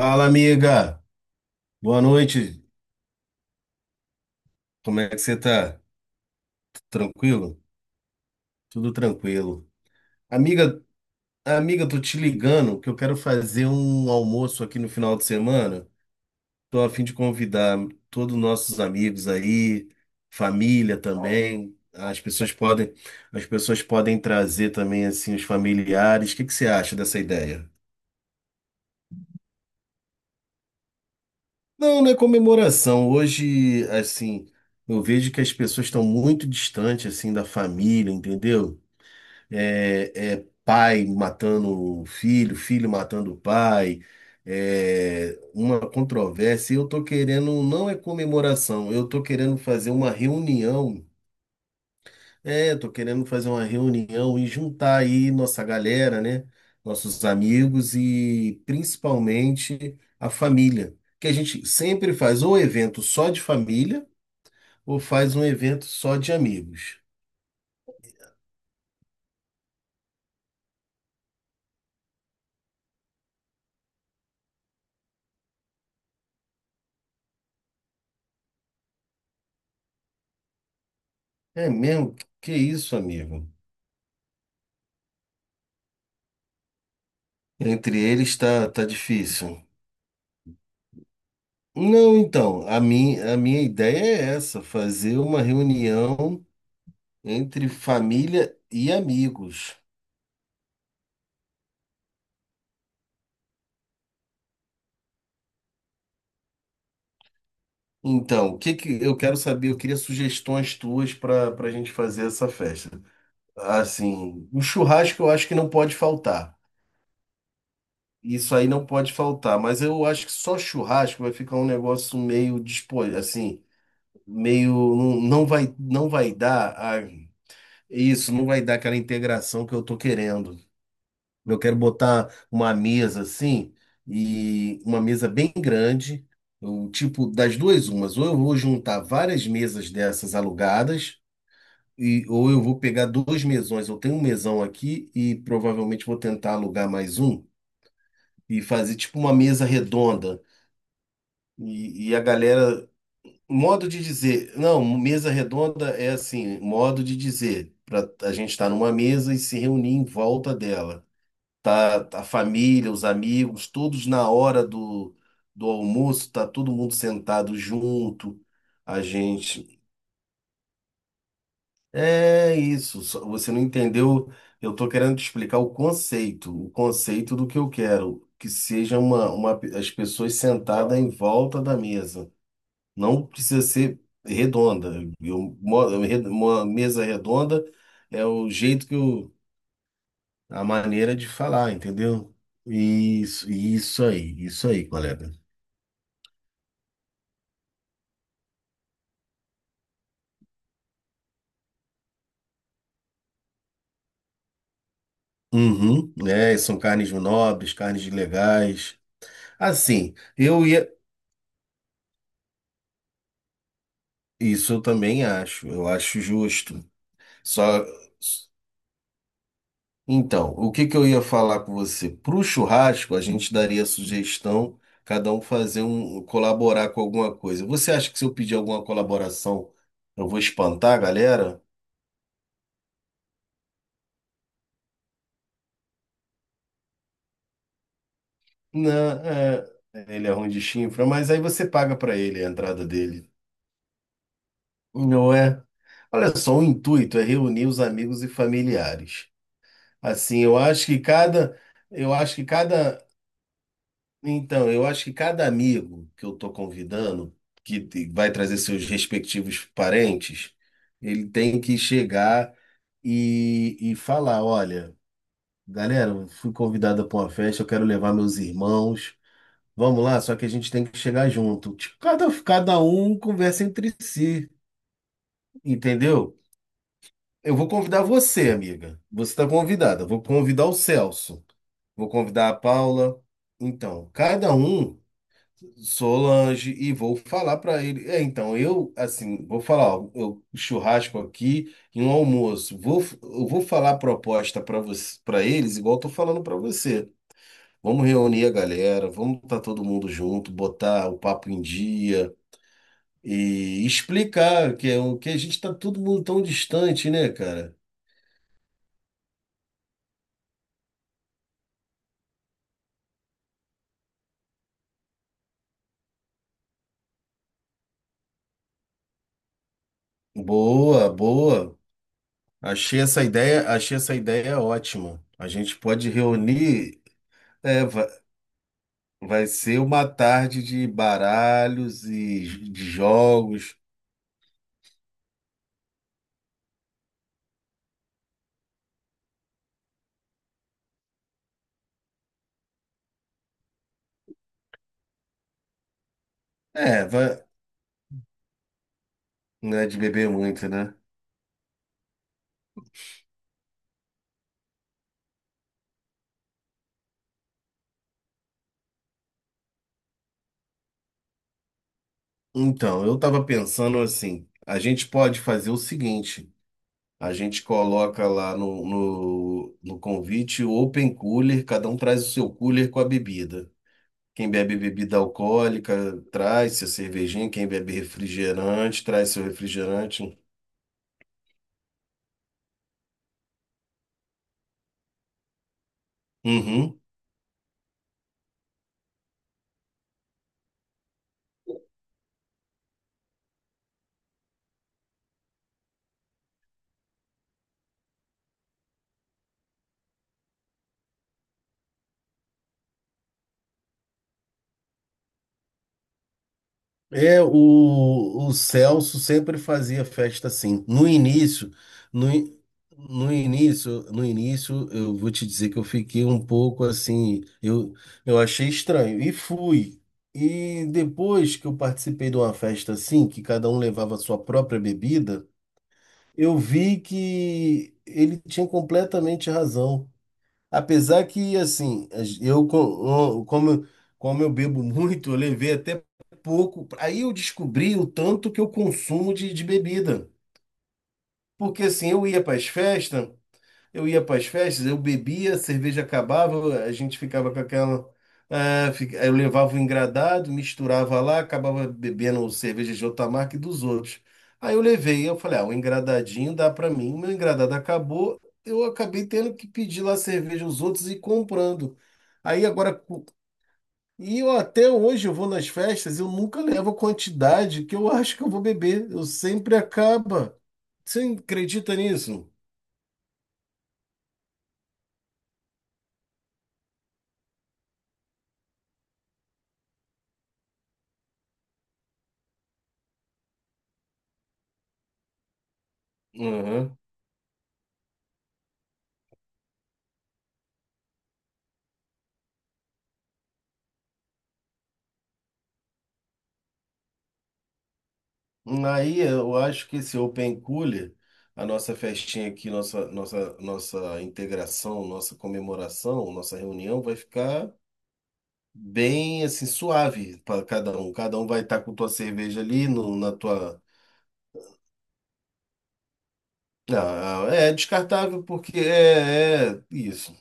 Fala, amiga. Boa noite. Como é que você tá? Tranquilo? Tudo tranquilo. Amiga, amiga, tô te ligando que eu quero fazer um almoço aqui no final de semana. Tô a fim de convidar todos os nossos amigos aí, família também. As pessoas podem trazer também assim os familiares. O que que você acha dessa ideia? Não, não é comemoração. Hoje, assim, eu vejo que as pessoas estão muito distantes assim da família, entendeu? É, é pai matando um filho, filho matando pai, é uma controvérsia. E eu tô querendo, não é comemoração, eu tô querendo fazer uma reunião. É, tô querendo fazer uma reunião e juntar aí nossa galera, né? Nossos amigos e principalmente a família. Que a gente sempre faz ou evento só de família ou faz um evento só de amigos. É mesmo? Que isso, amigo? Entre eles tá difícil. Não, então, a mim, a minha ideia é essa, fazer uma reunião entre família e amigos. Então, o que que eu quero saber, eu queria sugestões tuas para a gente fazer essa festa. Assim, o churrasco eu acho que não pode faltar. Isso aí não pode faltar, mas eu acho que só churrasco vai ficar um negócio meio disposto, assim, meio não, não vai dar a... Isso não vai dar aquela integração que eu tô querendo. Eu quero botar uma mesa assim, e uma mesa bem grande, o tipo das duas umas, ou eu vou juntar várias mesas dessas alugadas, e ou eu vou pegar dois mesões. Eu tenho um mesão aqui e provavelmente vou tentar alugar mais um e fazer tipo uma mesa redonda. E a galera, modo de dizer, não, mesa redonda é assim, modo de dizer, para a gente estar numa mesa e se reunir em volta dela. Tá a família, os amigos, todos na hora do, do almoço, tá todo mundo sentado junto, a gente. É isso, você não entendeu? Eu tô querendo te explicar o conceito do que eu quero, que seja as pessoas sentadas em volta da mesa. Não precisa ser redonda. Eu, mo- eu, re- uma mesa redonda é o jeito que eu... a maneira de falar, entendeu? Isso, isso aí, colega. Uhum, né? São carnes nobres, carnes legais. Assim, eu ia. Isso eu também acho, eu acho justo. Só. Então, o que que eu ia falar com você? Pro churrasco, a gente daria a sugestão, cada um fazer um, colaborar com alguma coisa. Você acha que se eu pedir alguma colaboração, eu vou espantar a galera? Não, é, ele é ruim de chifra, mas aí você paga pra ele a entrada dele, não é? Olha só, o intuito é reunir os amigos e familiares. Assim, eu acho que cada, eu acho que cada, então, eu acho que cada amigo que eu tô convidando, vai trazer seus respectivos parentes, ele tem que chegar e falar, olha, galera, eu fui convidada para uma festa, eu quero levar meus irmãos. Vamos lá, só que a gente tem que chegar junto. Tipo, cada um conversa entre si, entendeu? Eu vou convidar você, amiga. Você está convidada. Vou convidar o Celso. Vou convidar a Paula. Então, cada um, Solange, e vou falar para ele. É, então, eu, assim, vou falar, ó, eu churrasco aqui e um almoço. Eu vou falar a proposta para você, para eles, igual eu tô falando para você. Vamos reunir a galera, vamos estar todo mundo junto, botar o papo em dia. E explicar que é o que a gente está todo mundo tão distante, né, cara? Boa, boa. Achei essa ideia ótima. A gente pode reunir, é, ser uma tarde de baralhos e de jogos. É, vai, não é de beber muito, né? Então, eu tava pensando assim, a gente pode fazer o seguinte, a gente coloca lá no convite o open cooler, cada um traz o seu cooler com a bebida. Quem bebe bebida alcoólica traz seu cervejinho, quem bebe refrigerante traz seu refrigerante. Uhum. É, o, o Celso sempre fazia festa assim. No início, no, in- no início, eu vou te dizer que eu fiquei um pouco assim, eu achei estranho e fui. E depois que eu participei de uma festa assim, que cada um levava a sua própria bebida, eu vi que ele tinha completamente razão. Apesar que, assim, eu, co- um, como, como eu bebo muito, eu levei até pouco. Aí eu descobri o tanto que eu consumo de bebida. Porque, assim, eu ia para as festas. Eu ia para as festas, eu bebia, a cerveja acabava, a gente ficava com aquela. Aí eu levava o engradado, misturava lá, acabava bebendo cerveja de outra marca e dos outros. Aí eu levei, eu falei, ah, o engradadinho dá para mim. Meu engradado acabou, eu acabei tendo que pedir lá cerveja aos outros e comprando. Aí agora. cu- E eu até hoje eu vou nas festas, eu nunca levo a quantidade que eu acho que eu vou beber, eu sempre acaba. Você acredita nisso? Uhum. Aí eu acho que esse open cooler, a nossa festinha aqui, nossa integração, nossa comemoração, nossa reunião vai ficar bem assim suave para cada um. Cada um vai estar com tua cerveja ali no, na tua. Ah, é descartável porque é isso.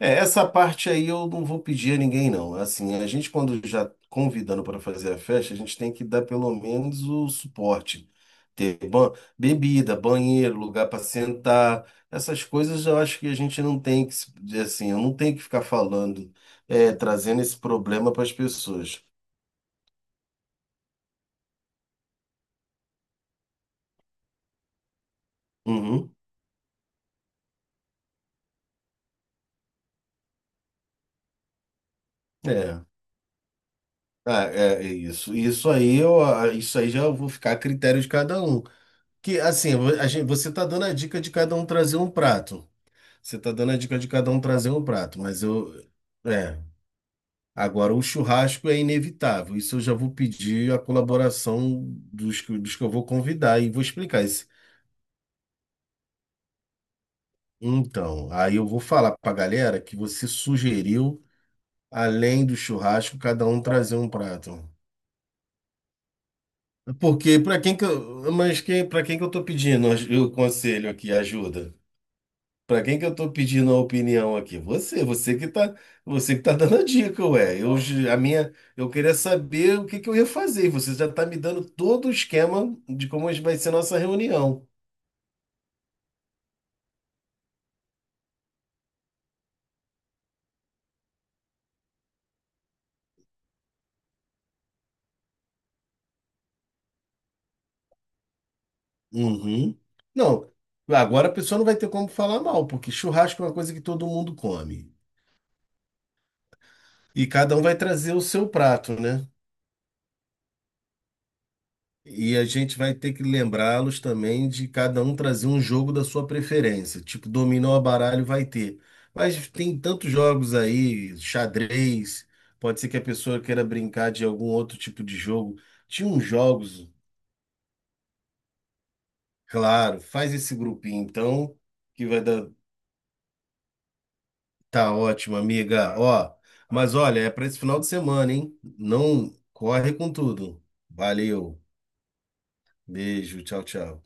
É, essa parte aí eu não vou pedir a ninguém, não. Assim, a gente, quando já convidando para fazer a festa, a gente tem que dar pelo menos o suporte. Ter bebida, banheiro, lugar para sentar, essas coisas eu acho que a gente não tem que, assim, eu não tenho que ficar falando, é, trazendo esse problema para as pessoas. Uhum, é. Ah, é, é isso. Isso aí eu, ah, isso aí já eu vou ficar a critério de cada um. Que assim, a gente, você tá dando a dica de cada um trazer um prato. Você tá dando a dica de cada um trazer um prato, mas eu. É. Agora, o churrasco é inevitável. Isso eu já vou pedir a colaboração dos que eu vou convidar e vou explicar isso. Então, aí eu vou falar pra galera que você sugeriu, além do churrasco, cada um trazer um prato. Porque para quem que eu, mas quem, para quem que eu tô pedindo o conselho aqui, ajuda? Pra quem que eu tô pedindo a opinião aqui? Você que tá dando a dica, ué. A minha, eu queria saber o que que eu ia fazer. Você já tá me dando todo o esquema de como vai ser nossa reunião. Uhum. Não, agora a pessoa não vai ter como falar mal, porque churrasco é uma coisa que todo mundo come. E cada um vai trazer o seu prato, né? E a gente vai ter que lembrá-los também de cada um trazer um jogo da sua preferência. Tipo, dominó, baralho vai ter. Mas tem tantos jogos aí, xadrez, pode ser que a pessoa queira brincar de algum outro tipo de jogo. Tinha uns jogos, claro, faz esse grupinho então, que vai dar. Tá ótimo, amiga. Ó, mas olha, é para esse final de semana, hein? Não corre com tudo. Valeu. Beijo, tchau, tchau.